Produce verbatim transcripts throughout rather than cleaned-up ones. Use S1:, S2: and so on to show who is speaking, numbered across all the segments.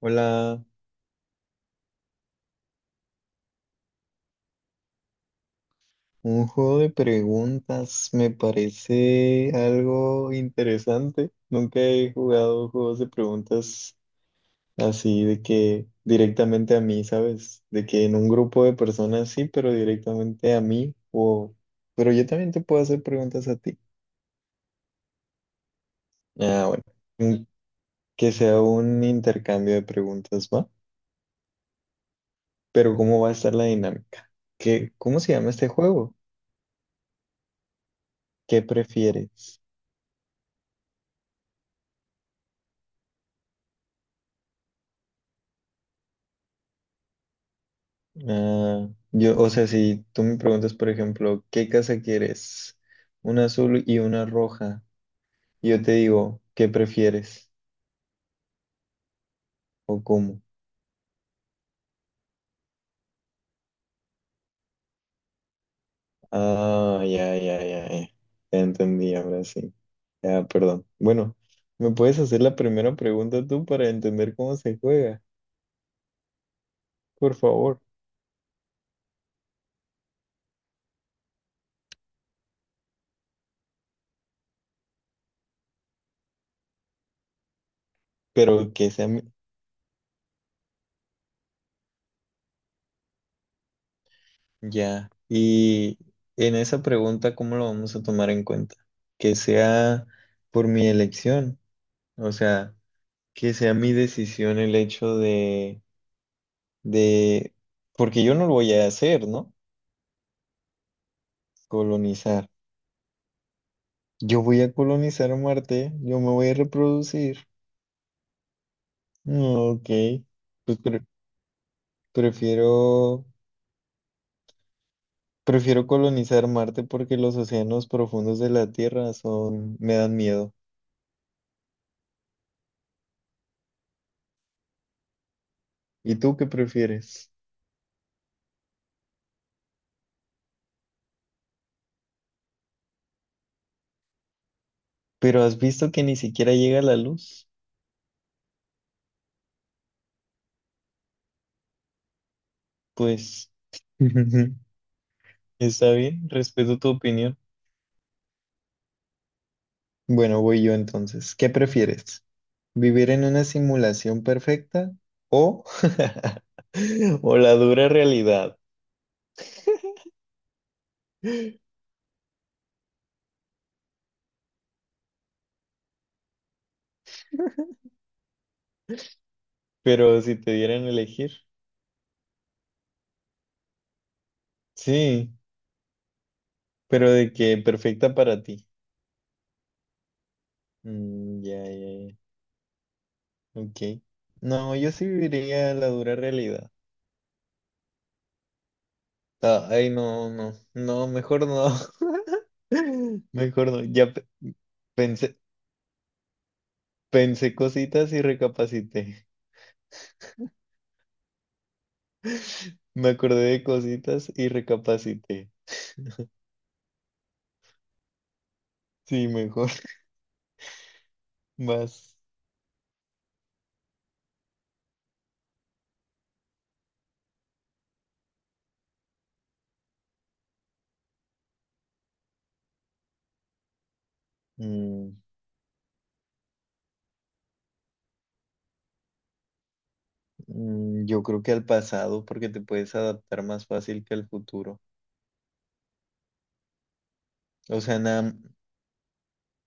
S1: Hola, un juego de preguntas me parece algo interesante. Nunca he jugado juegos de preguntas así de que directamente a mí, ¿sabes? De que en un grupo de personas sí, pero directamente a mí o... Pero yo también te puedo hacer preguntas a ti. Ah, bueno. Mm, Que sea un intercambio de preguntas, ¿va? Pero ¿cómo va a estar la dinámica? ¿Qué, cómo se llama este juego? ¿Qué prefieres? Ah, yo, o sea, si tú me preguntas, por ejemplo, ¿qué casa quieres? Una azul y una roja. Y yo te digo, ¿qué prefieres? ¿O cómo? Ah, ya, ya, ya, ya. Ya entendí, ahora sí. Ya, perdón. Bueno, ¿me puedes hacer la primera pregunta tú para entender cómo se juega? Por favor. Pero que sea... mi- Ya. Y en esa pregunta, ¿cómo lo vamos a tomar en cuenta? Que sea por mi elección. O sea... que sea mi decisión el hecho de, de, porque yo no lo voy a hacer, ¿no? Colonizar. Yo voy a colonizar Marte, yo me voy a reproducir. Mm, Ok, pues pre- prefiero, prefiero colonizar Marte porque los océanos profundos de la Tierra son, me dan miedo. ¿Y tú qué prefieres? Pero has visto que ni siquiera llega la luz, pues está bien, respeto tu opinión. Bueno, voy yo entonces. ¿Qué prefieres? ¿Vivir en una simulación perfecta o, o la dura realidad? Pero si te dieran a elegir, sí, pero de que perfecta para ti. Mm, ya, ya, ya, ok. No, yo sí viviría la dura realidad. Ah, ay, no, no, no, mejor no, mejor no. Ya pe- pensé, pensé cositas y recapacité. Me acordé de cositas y recapacité. Sí, mejor, más. Mm, Mm, Yo creo que al pasado, porque te puedes adaptar más fácil que al futuro. O sea, nada,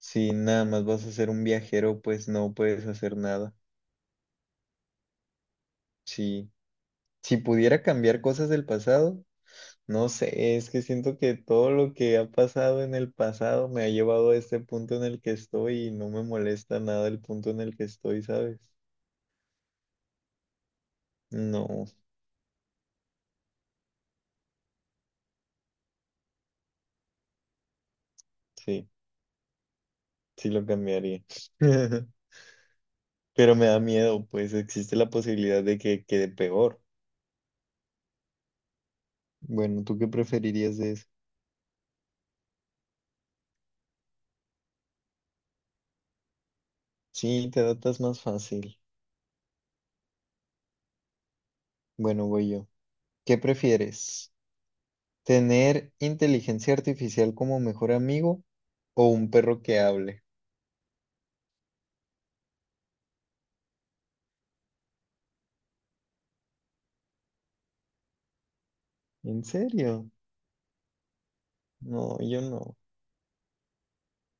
S1: si nada más vas a ser un viajero, pues no puedes hacer nada. Si, si pudiera cambiar cosas del pasado, no sé, es que siento que todo lo que ha pasado en el pasado me ha llevado a este punto en el que estoy y no me molesta nada el punto en el que estoy, ¿sabes? No, sí, sí lo cambiaría. Pero me da miedo, pues existe la posibilidad de que quede peor. Bueno, ¿tú qué preferirías de eso? Sí, te adaptas más fácil. Bueno, voy yo. ¿Qué prefieres? ¿Tener inteligencia artificial como mejor amigo o un perro que hable? ¿En serio? No, yo no.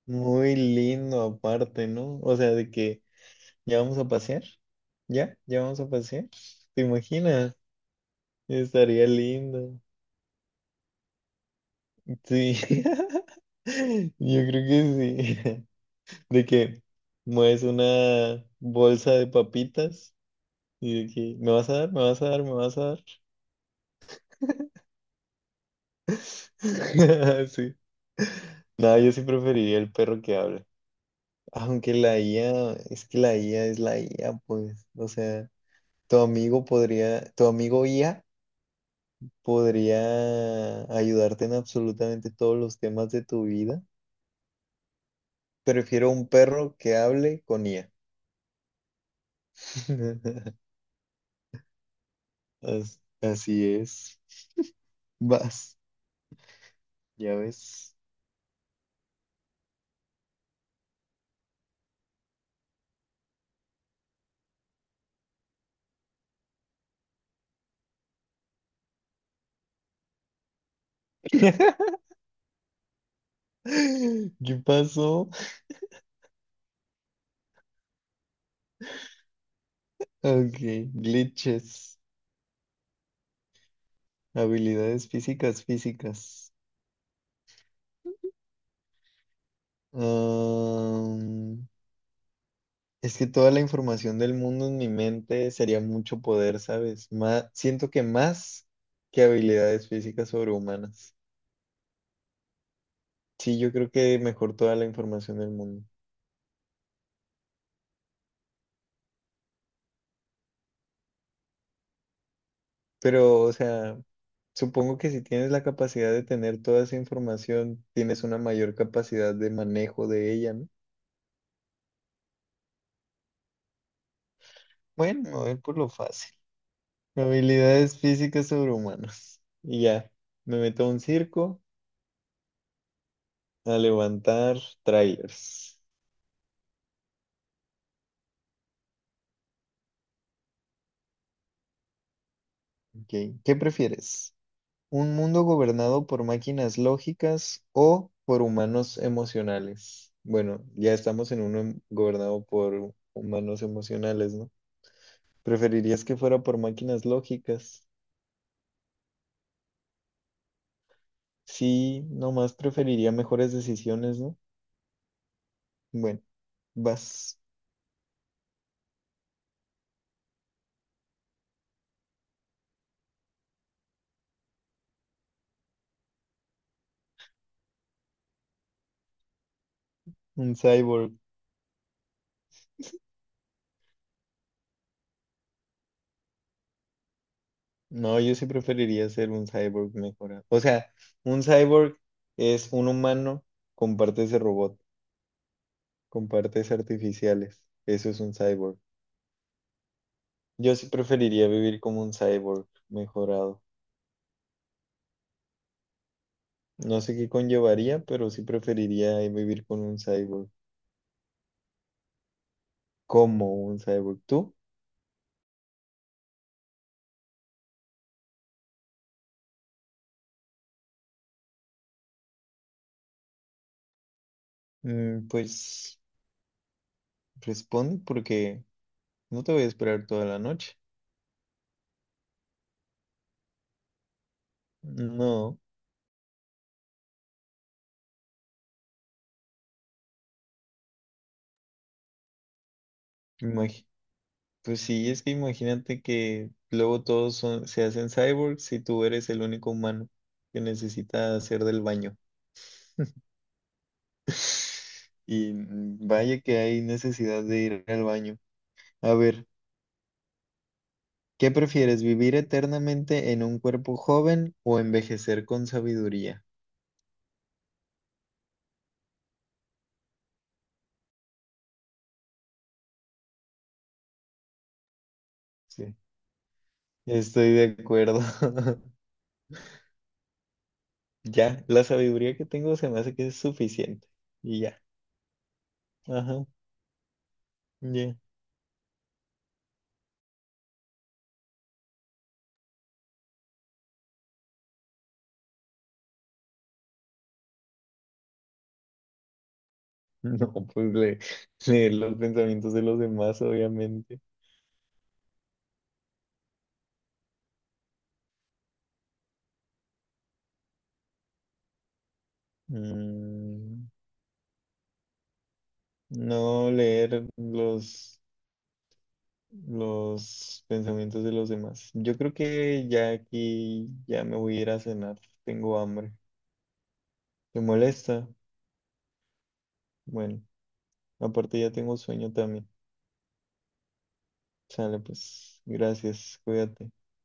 S1: Muy lindo aparte, ¿no? O sea, de que ya vamos a pasear. ¿Ya? ¿Ya vamos a pasear? ¿Te imaginas? Estaría lindo. Sí, yo creo que sí. De que mueves una bolsa de papitas. Y de que, ¿me vas a dar? ¿Me vas a dar? ¿Me vas a dar? Sí. No, yo sí preferiría el perro que habla. Aunque la I A, es que la I A es la I A, pues. O sea, tu amigo podría, tu amigo I A podría ayudarte en absolutamente todos los temas de tu vida. Prefiero un perro que hable con I A. As- Así es. Vas, ya ves. ¿Qué pasó? Ok, glitches. Habilidades físicas, físicas. Am, es que toda la información del mundo en mi mente sería mucho poder, ¿sabes? Má- siento que más que habilidades físicas sobrehumanas. Sí, yo creo que mejor toda la información del mundo. Pero, o sea, supongo que si tienes la capacidad de tener toda esa información, tienes una mayor capacidad de manejo de ella, ¿no? Bueno, me voy por lo fácil. Habilidades físicas sobrehumanas. Y ya, me meto a un circo. A levantar trailers. Ok, ¿qué prefieres? ¿Un mundo gobernado por máquinas lógicas o por humanos emocionales? Bueno, ya estamos en uno em- gobernado por humanos emocionales, ¿no? ¿Preferirías que fuera por máquinas lógicas? Sí, nomás preferiría mejores decisiones, ¿no? Bueno, vas. Un cyborg. No, yo sí preferiría ser un cyborg mejorado. O sea, un cyborg es un humano con partes de robot. Con partes artificiales. Eso es un cyborg. Yo sí preferiría vivir como un cyborg mejorado. No sé qué conllevaría, pero sí preferiría eh, vivir con un cyborg. Como un cyborg. ¿Tú? Mm, pues responde porque no te voy a esperar toda la noche. No, imagi- pues sí, es que imagínate que luego todos son- se hacen cyborgs y tú eres el único humano que necesita hacer del baño. Y mm, vaya que hay necesidad de ir al baño. A ver, ¿qué prefieres, vivir eternamente en un cuerpo joven o envejecer con sabiduría? Sí, estoy de acuerdo. Ya, la sabiduría que tengo se me hace que es suficiente. Y ya, ajá, ya. No, pues le- leer los pensamientos de los demás, obviamente. Mm, no leer los los pensamientos de los demás. Yo creo que ya aquí ya me voy a ir a cenar. Tengo hambre. ¿Te molesta? Bueno, aparte ya tengo sueño también. Sale, pues, gracias, cuídate.